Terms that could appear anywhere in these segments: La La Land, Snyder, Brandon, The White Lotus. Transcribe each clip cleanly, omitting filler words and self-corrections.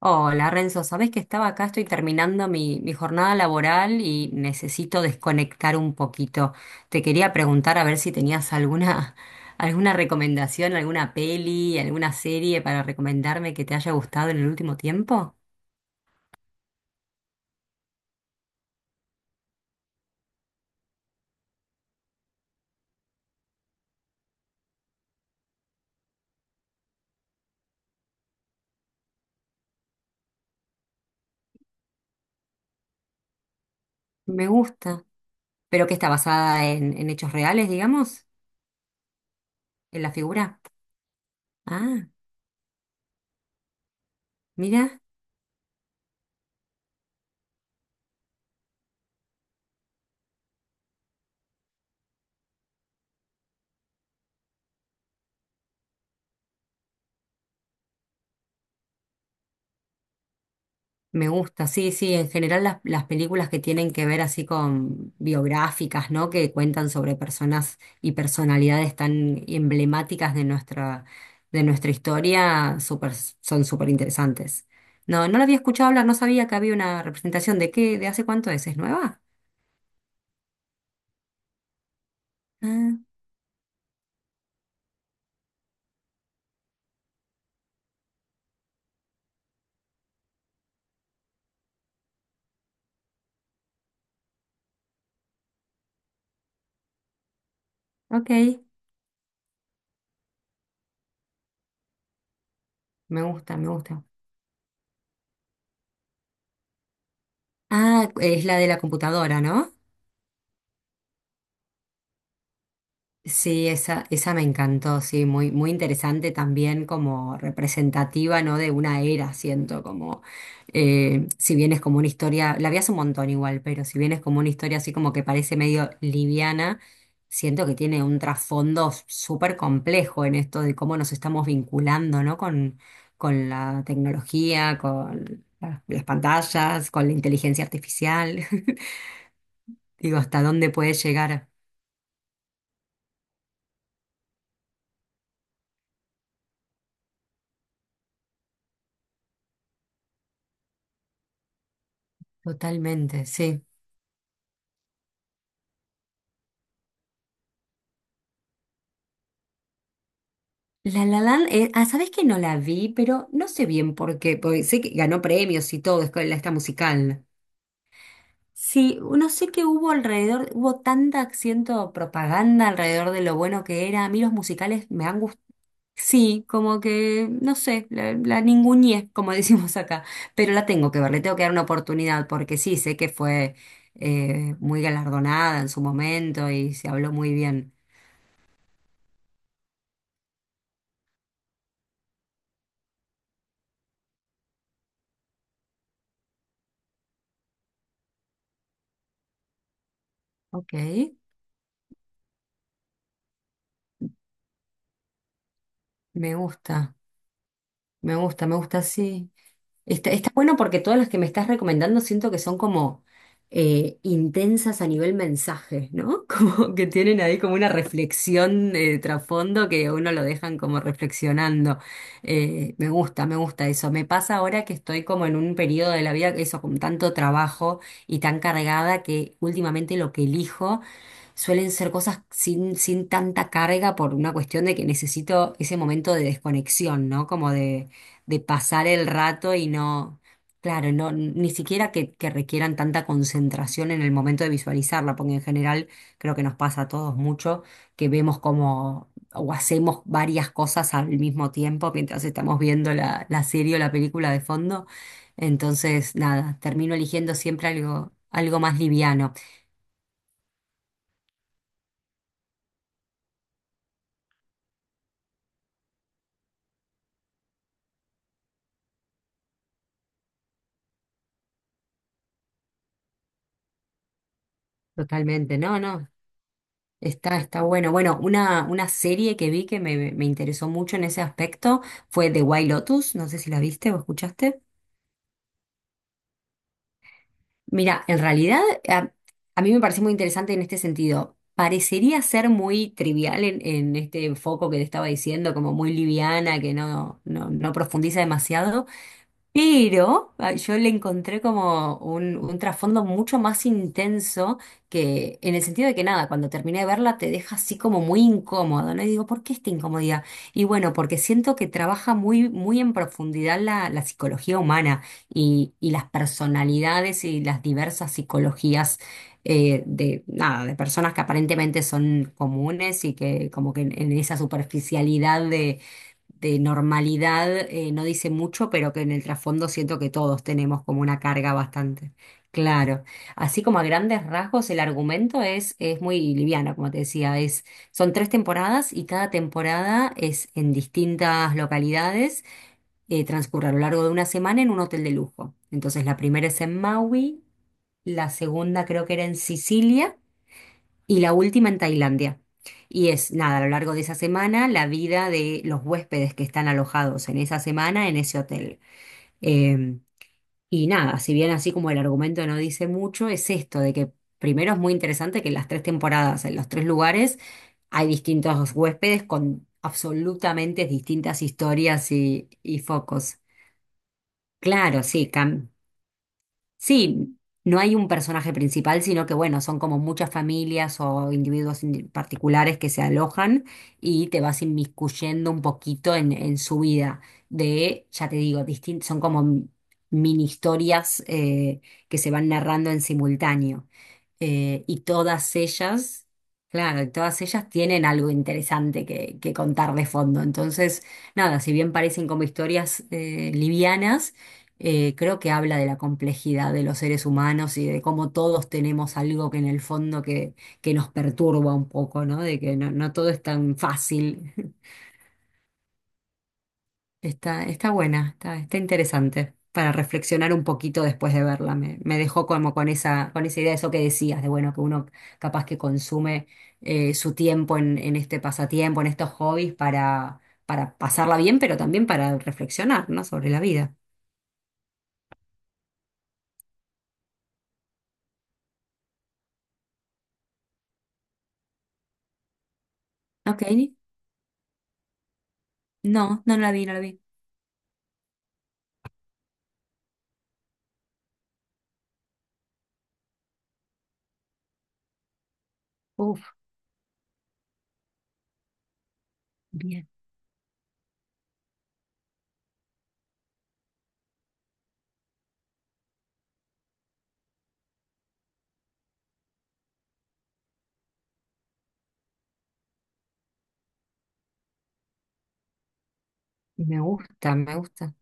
Hola Renzo, sabés que estaba acá, estoy terminando mi jornada laboral y necesito desconectar un poquito. Te quería preguntar a ver si tenías alguna, alguna recomendación, alguna peli, alguna serie para recomendarme que te haya gustado en el último tiempo. Me gusta. ¿Pero que está basada en hechos reales, digamos? ¿En la figura? Ah, mira. Me gusta, sí, sí, en general las películas que tienen que ver así con biográficas, ¿no? Que cuentan sobre personas y personalidades tan emblemáticas de nuestra historia, son súper interesantes. No, no la había escuchado hablar, no sabía que había una representación. ¿De qué? ¿De hace cuánto es? ¿Es nueva? Ah, ok, me gusta, me gusta. Ah, es la de la computadora, ¿no? Sí, esa me encantó, sí, muy, muy interesante también como representativa, ¿no? De una era, siento, como si bien es como una historia, la vi hace un montón igual, pero si bien es como una historia así como que parece medio liviana, siento que tiene un trasfondo súper complejo en esto de cómo nos estamos vinculando, ¿no? Con la tecnología, con las pantallas, con la inteligencia artificial. Digo, hasta dónde puede llegar. Totalmente, sí. La La Land, ¿sabés que no la vi? Pero no sé bien por qué, porque sé que ganó premios y todo, es con la esta musical. Sí, no sé qué hubo alrededor, hubo tanta acciento propaganda alrededor de lo bueno que era. A mí los musicales me han gustado. Sí, como que, no sé, la ninguneé, como decimos acá, pero la tengo que ver, le tengo que dar una oportunidad, porque sí, sé que fue muy galardonada en su momento y se habló muy bien. Ok, me gusta, me gusta, me gusta, sí. Está, está bueno porque todas las que me estás recomendando siento que son como intensas a nivel mensaje, ¿no? Como que tienen ahí como una reflexión de trasfondo que a uno lo dejan como reflexionando. Me gusta, me gusta eso. Me pasa ahora que estoy como en un periodo de la vida, eso, con tanto trabajo y tan cargada que últimamente lo que elijo suelen ser cosas sin, sin tanta carga por una cuestión de que necesito ese momento de desconexión, ¿no? Como de pasar el rato y no, claro, no, ni siquiera que requieran tanta concentración en el momento de visualizarla, porque en general creo que nos pasa a todos mucho que vemos como o hacemos varias cosas al mismo tiempo mientras estamos viendo la serie o la película de fondo. Entonces, nada, termino eligiendo siempre algo, algo más liviano. Totalmente, no, no. Está, está bueno. Bueno, una serie que vi que me interesó mucho en ese aspecto fue The White Lotus. No sé si la viste o escuchaste. Mira, en realidad a, a mí me pareció muy interesante en este sentido. Parecería ser muy trivial en este foco que te estaba diciendo, como muy liviana, que no, no, no profundiza demasiado. Pero yo le encontré como un trasfondo mucho más intenso que en el sentido de que nada, cuando terminé de verla te deja así como muy incómodo, ¿no? Y digo, ¿por qué esta incomodidad? Y bueno, porque siento que trabaja muy, muy en profundidad la psicología humana y las personalidades y las diversas psicologías nada, de personas que aparentemente son comunes y que como que en esa superficialidad de normalidad no dice mucho, pero que en el trasfondo siento que todos tenemos como una carga bastante. Claro. Así como a grandes rasgos, el argumento es muy liviano, como te decía, es, son tres temporadas y cada temporada es en distintas localidades, transcurre a lo largo de una semana en un hotel de lujo. Entonces la primera es en Maui, la segunda creo que era en Sicilia y la última en Tailandia. Y es, nada, a lo largo de esa semana, la vida de los huéspedes que están alojados en esa semana en ese hotel. Eh, y nada, si bien así como el argumento no dice mucho, es esto de que primero es muy interesante que en las tres temporadas, en los tres lugares, hay distintos huéspedes con absolutamente distintas historias y focos. Claro, sí, Cam. Sí, no hay un personaje principal, sino que bueno, son como muchas familias o individuos particulares que se alojan y te vas inmiscuyendo un poquito en su vida. De, ya te digo, son como mini historias que se van narrando en simultáneo. Y todas ellas, claro, y todas ellas tienen algo interesante que contar de fondo. Entonces, nada, si bien parecen como historias livianas, creo que habla de la complejidad de los seres humanos y de cómo todos tenemos algo que en el fondo que nos perturba un poco, ¿no? De que no, no todo es tan fácil. Está, está buena, está, está interesante para reflexionar un poquito después de verla. Me dejó como con esa idea de eso que decías, de bueno, que uno capaz que consume su tiempo en este pasatiempo, en estos hobbies para pasarla bien, pero también para reflexionar, ¿no? Sobre la vida. Ok, no, no la vi, no la vi. Uf. Bien, me gusta, me gusta.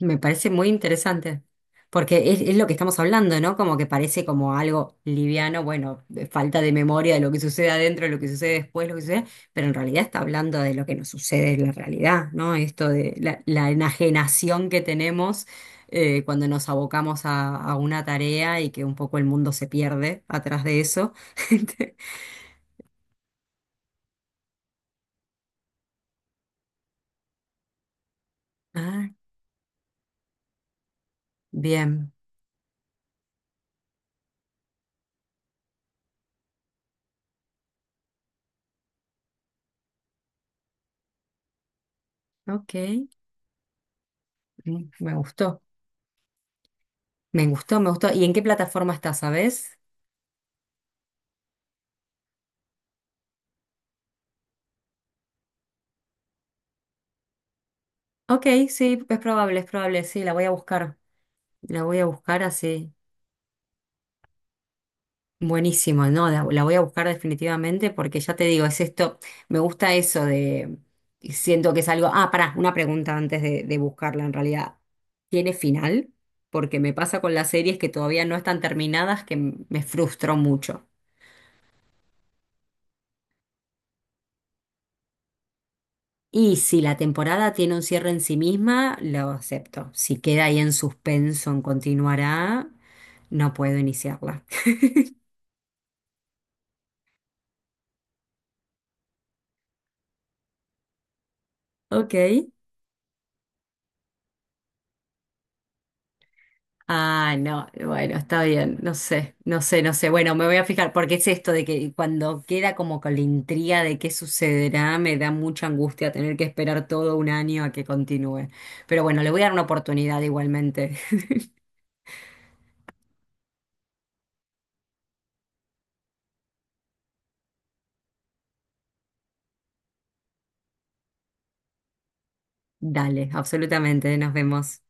Me parece muy interesante, porque es lo que estamos hablando, ¿no? Como que parece como algo liviano, bueno, de falta de memoria de lo que sucede adentro, lo que sucede después, lo que sucede, pero en realidad está hablando de lo que nos sucede en la realidad, ¿no? Esto de la enajenación que tenemos cuando nos abocamos a una tarea y que un poco el mundo se pierde atrás de eso. Ah, bien, ok, me gustó. Me gustó, me gustó. ¿Y en qué plataforma está, sabes? Ok, sí, es probable, sí, la voy a buscar. La voy a buscar así. Buenísimo, no, la voy a buscar definitivamente porque ya te digo, es esto, me gusta eso de, siento que es algo, ah, pará, una pregunta antes de buscarla en realidad. ¿Tiene final? Porque me pasa con las series que todavía no están terminadas que me frustró mucho. Y si la temporada tiene un cierre en sí misma, lo acepto. Si queda ahí en suspenso, en continuará, no puedo iniciarla. Ok. Ah, no, bueno, está bien, no sé, no sé, no sé. Bueno, me voy a fijar, porque es esto de que cuando queda como con la intriga de qué sucederá, me da mucha angustia tener que esperar todo un año a que continúe. Pero bueno, le voy a dar una oportunidad igualmente. Dale, absolutamente, nos vemos.